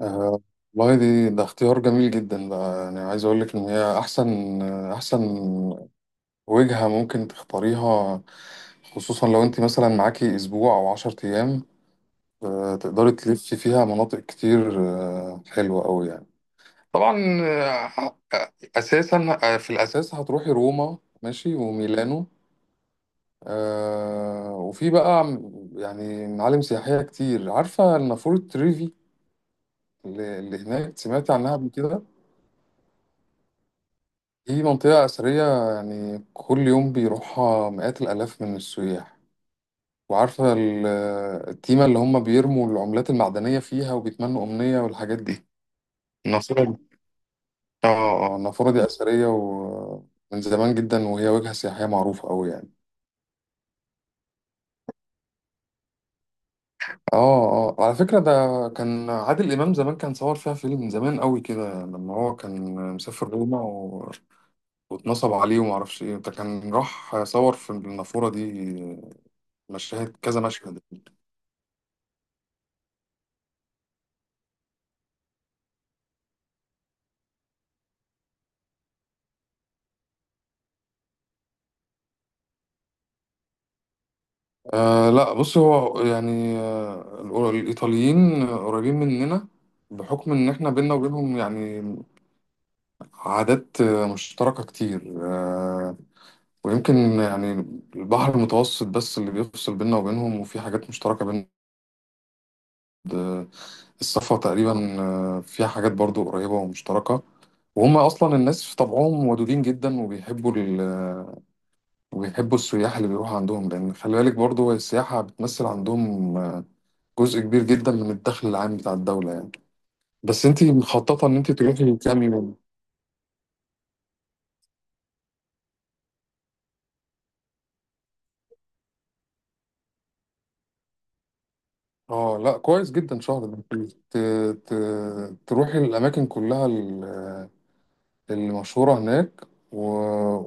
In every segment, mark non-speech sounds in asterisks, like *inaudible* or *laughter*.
آه، والله، دي اختيار جميل جدا بقى، يعني عايز اقول لك ان هي احسن وجهة ممكن تختاريها، خصوصا لو انت مثلا معاكي اسبوع او 10 أيام. تقدري تلفي فيها مناطق كتير، حلوة قوي يعني. طبعا. آه، اساسا آه، في الاساس هتروحي روما ماشي وميلانو. وفي بقى يعني معالم سياحية كتير. عارفة النافورة تريفي اللي هناك، سمعتي عنها قبل كده؟ دي منطقة أثرية، يعني كل يوم بيروحها مئات الآلاف من السياح. وعارفة التيمة اللي هم بيرموا العملات المعدنية فيها وبيتمنوا أمنية والحاجات دي. النافورة دي. اه اه، النافورة دي أثرية ومن زمان جدا، وهي وجهة سياحية معروفة أوي يعني. اه اه، على فكرة ده كان عادل إمام زمان كان صور فيها فيلم من زمان أوي كده لما هو كان مسافر روما واتنصب عليه ومعرفش ايه، ده كان راح صور في النافورة دي مشاهد، كذا مشهد. لا، بص هو يعني الإيطاليين قريبين مننا، بحكم إن إحنا بينا وبينهم يعني عادات مشتركة كتير ويمكن يعني البحر المتوسط بس اللي بيفصل بينا وبينهم، وفي حاجات مشتركة بين الصفا تقريبا، فيها حاجات برضو قريبة ومشتركة. وهم أصلا الناس في طبعهم ودودين جدا، وبيحبوا وبيحبوا السياح اللي بيروحوا عندهم، لأن خلي بالك برضو السياحة بتمثل عندهم جزء كبير جدا من الدخل العام بتاع الدولة يعني. بس انت مخططة ان انت تروحي كام يوم؟ اه لا، كويس جدا، شهر. ده انت ت... ت... تروحي الاماكن كلها اللي مشهورة هناك، و...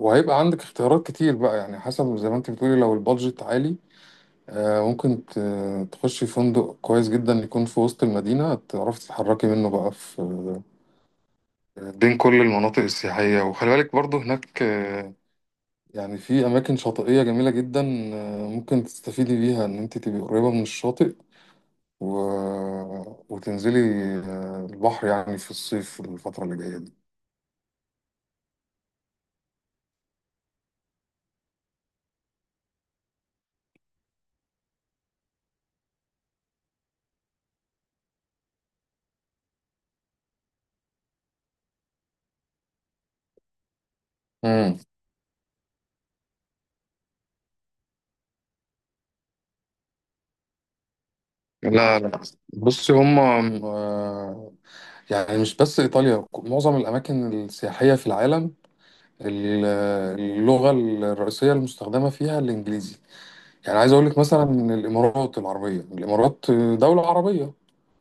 وهيبقى عندك اختيارات كتير بقى، يعني حسب زي ما انت بتقولي، لو البادجت عالي. ممكن تخشي فندق كويس جدا يكون في وسط المدينة، تعرفي تتحركي منه بقى في، بين كل المناطق السياحية. وخلي بالك برضه هناك يعني في أماكن شاطئية جميلة جدا، ممكن تستفيدي بيها إن أنت تبقي قريبة من الشاطئ، و... وتنزلي البحر، يعني في الصيف الفترة اللي جاية دي. مم. لا لا، بصي هم آه، يعني مش بس إيطاليا، معظم الأماكن السياحية في العالم ال- اللغة الرئيسية المستخدمة فيها الإنجليزي. يعني عايز أقول لك مثلا إن الإمارات العربية، الإمارات دولة عربية،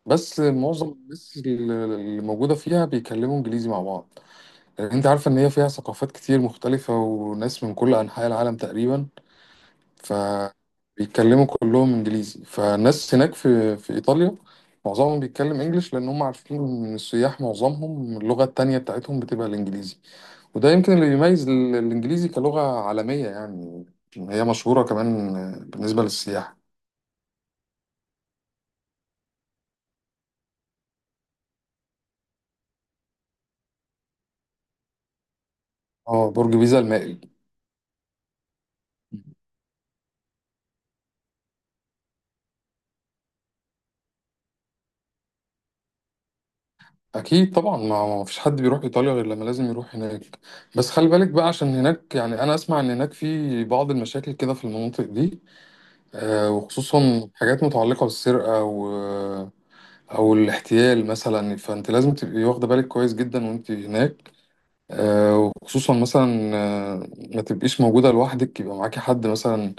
بس معظم الناس اللي موجودة فيها بيتكلموا إنجليزي مع بعض، لأن أنت عارفة إن هي فيها ثقافات كتير مختلفة وناس من كل أنحاء العالم تقريبا، فبيتكلموا كلهم إنجليزي. فالناس هناك في إيطاليا معظمهم بيتكلم إنجليش، لأن هم عارفين إن السياح معظمهم اللغة التانية بتاعتهم بتبقى الإنجليزي. وده يمكن اللي بيميز الإنجليزي كلغة عالمية يعني، هي مشهورة كمان بالنسبة للسياح. اه، برج بيزا المائل. اكيد طبعا، ما فيش حد بيروح ايطاليا غير لما لازم يروح هناك. بس خلي بالك بقى، عشان هناك يعني انا اسمع ان هناك في بعض المشاكل كده في المناطق دي، وخصوصا حاجات متعلقة بالسرقة، و او الاحتيال مثلا، فانت لازم تبقي واخدة بالك كويس جدا وانت هناك. وخصوصا مثلا آه، ما تبقيش موجودة لوحدك، يبقى معاكي حد مثلا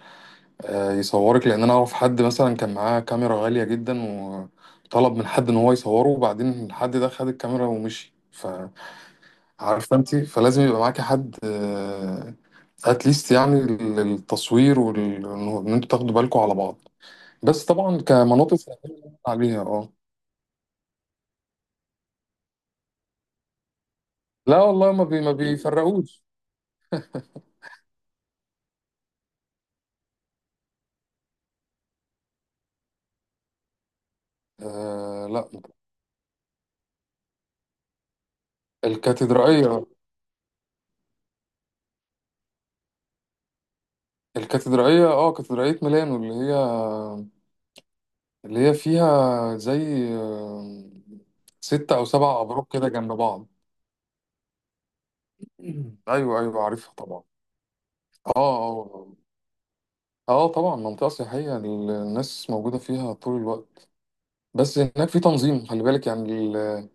يصورك، لان انا اعرف حد مثلا كان معاه كاميرا غالية جدا، و طلب من حد ان هو يصوره، وبعدين الحد ده خد الكاميرا ومشي. ف عارفه انت، فلازم يبقى معاكي حد اتليست يعني للتصوير، وان انتوا تاخدوا بالكم على بعض، بس طبعا كمناطق سياحية عليها، اه. لا والله، ما بيفرقوش. لا، الكاتدرائية الكاتدرائية. اه كاتدرائية ميلانو اللي هي فيها زي ستة أو سبع أبراج كده جنب بعض. *clears throat* أيوه أيوه، عارفها طبعا. اه اه اه، طبعا منطقة سياحية، الناس موجودة فيها طول الوقت، بس هناك في تنظيم. خلي بالك يعني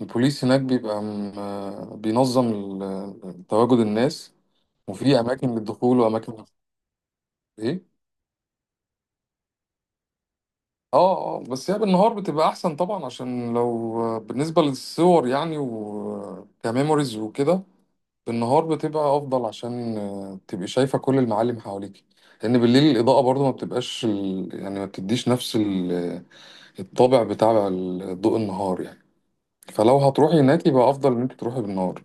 البوليس هناك بيبقى بينظم تواجد الناس، وفي اماكن للدخول واماكن. ايه، اه اه، بس هي بالنهار بتبقى احسن طبعا، عشان لو بالنسبه للصور يعني وكميموريز وكده، بالنهار بتبقى افضل عشان تبقي شايفه كل المعالم حواليك، لان بالليل الاضاءه برضو ما بتبقاش يعني ما بتديش نفس الطابع بتاع ضوء النهار يعني. فلو هتروحي هناك يبقى افضل ان انت تروحي بالنهار.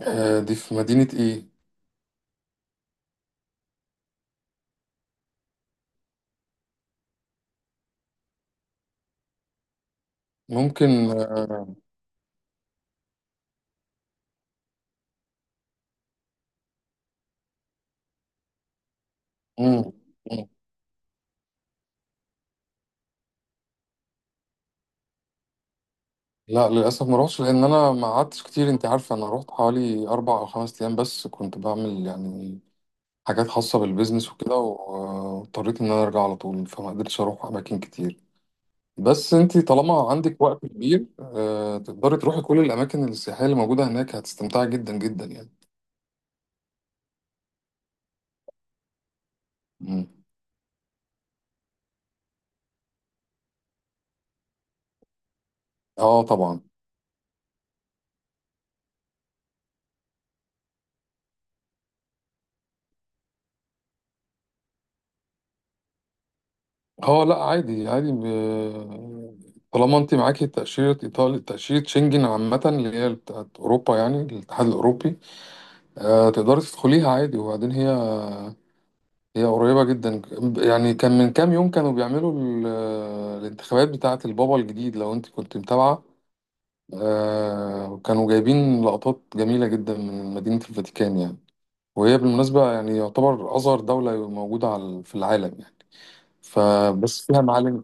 دي في مدينة ايه؟ ممكن مم. مم. لا، للأسف ما روحتش، لأن أنا ما قعدتش كتير، أنت عارفة أنا روحت حوالي 4 أو 5 أيام بس، كنت بعمل يعني حاجات خاصة بالبيزنس وكده، واضطريت إن أنا أرجع على طول، فما قدرتش أروح أماكن كتير. بس أنت طالما عندك وقت كبير، تقدري تروحي كل الأماكن السياحية اللي موجودة هناك، هتستمتعي جدا جدا يعني. مم. اه طبعا. اه لا، عادي عادي طالما انت معاكي تأشيرة ايطالي، تأشيرة شنجن عامة اللي هي بتاعت اوروبا، يعني الاتحاد الاوروبي، تقدري تدخليها عادي. وبعدين هي هي قريبة جدا، يعني كان من كام يوم كانوا بيعملوا الانتخابات بتاعة البابا الجديد، لو انت كنت متابعة. كانوا جايبين لقطات جميلة جدا من مدينة الفاتيكان يعني. وهي بالمناسبة يعني يعتبر أصغر دولة موجودة في العالم يعني. فبس فيها معالم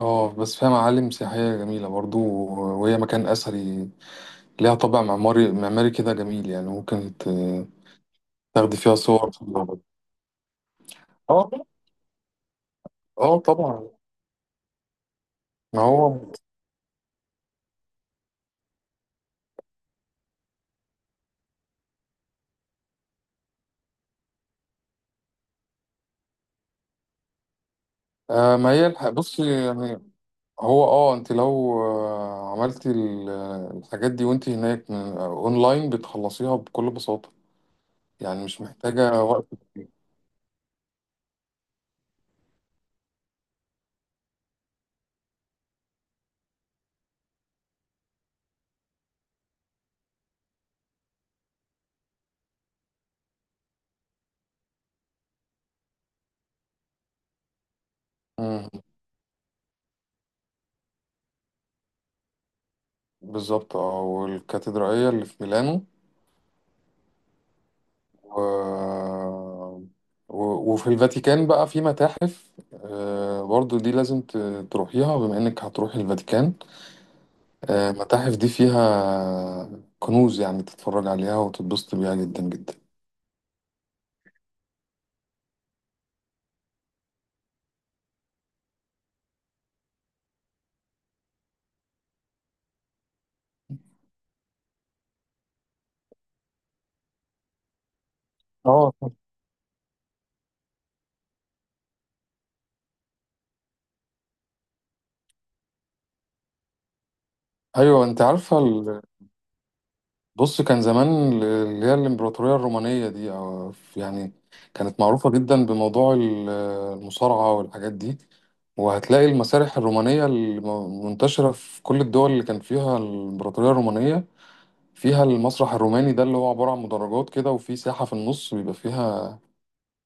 اه بس فيها معالم سياحية جميلة برضو، وهي مكان أثري، ليها طابع معماري كده جميل، يعني ممكن تاخدي فيها صور. اه اه طبعا. ما هو ما هي بصي يعني، هو انت لو عملتي الحاجات دي وانت هناك، اونلاين بتخلصيها بكل بساطة، يعني مش محتاجة وقت كتير. مم، بالظبط، اه، والكاتدرائية اللي في ميلانو، و... وفي الفاتيكان بقى في متاحف، برضو دي لازم تروحيها، بما انك هتروحي الفاتيكان. المتاحف دي فيها كنوز، يعني تتفرج عليها وتتبسط بيها جدا جدا. اه طب، ايوه انت عارفه بص، كان زمان اللي هي الامبراطوريه الرومانيه دي، أو يعني كانت معروفه جدا بموضوع المصارعه والحاجات دي. وهتلاقي المسارح الرومانيه المنتشره في كل الدول اللي كان فيها الامبراطوريه الرومانيه، فيها المسرح الروماني ده اللي هو عبارة عن مدرجات كده، وفي ساحة في النص بيبقى فيها،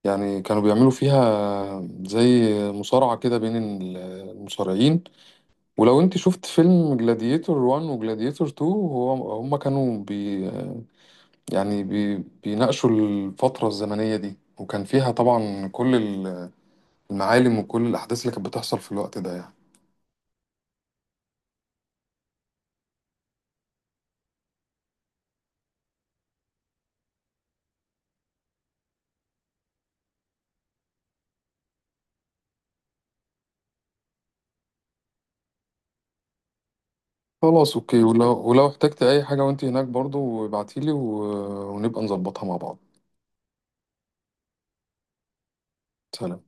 يعني كانوا بيعملوا فيها زي مصارعة كده بين المصارعين. ولو انت شفت فيلم جلاديتور 1 وجلاديتور 2، هو هما كانوا يعني بيناقشوا الفترة الزمنية دي، وكان فيها طبعا كل المعالم وكل الأحداث اللي كانت بتحصل في الوقت ده يعني. خلاص اوكي، ولو احتجت اي حاجة وانت هناك برضو ابعتيلي، ونبقى نظبطها مع بعض. سلام.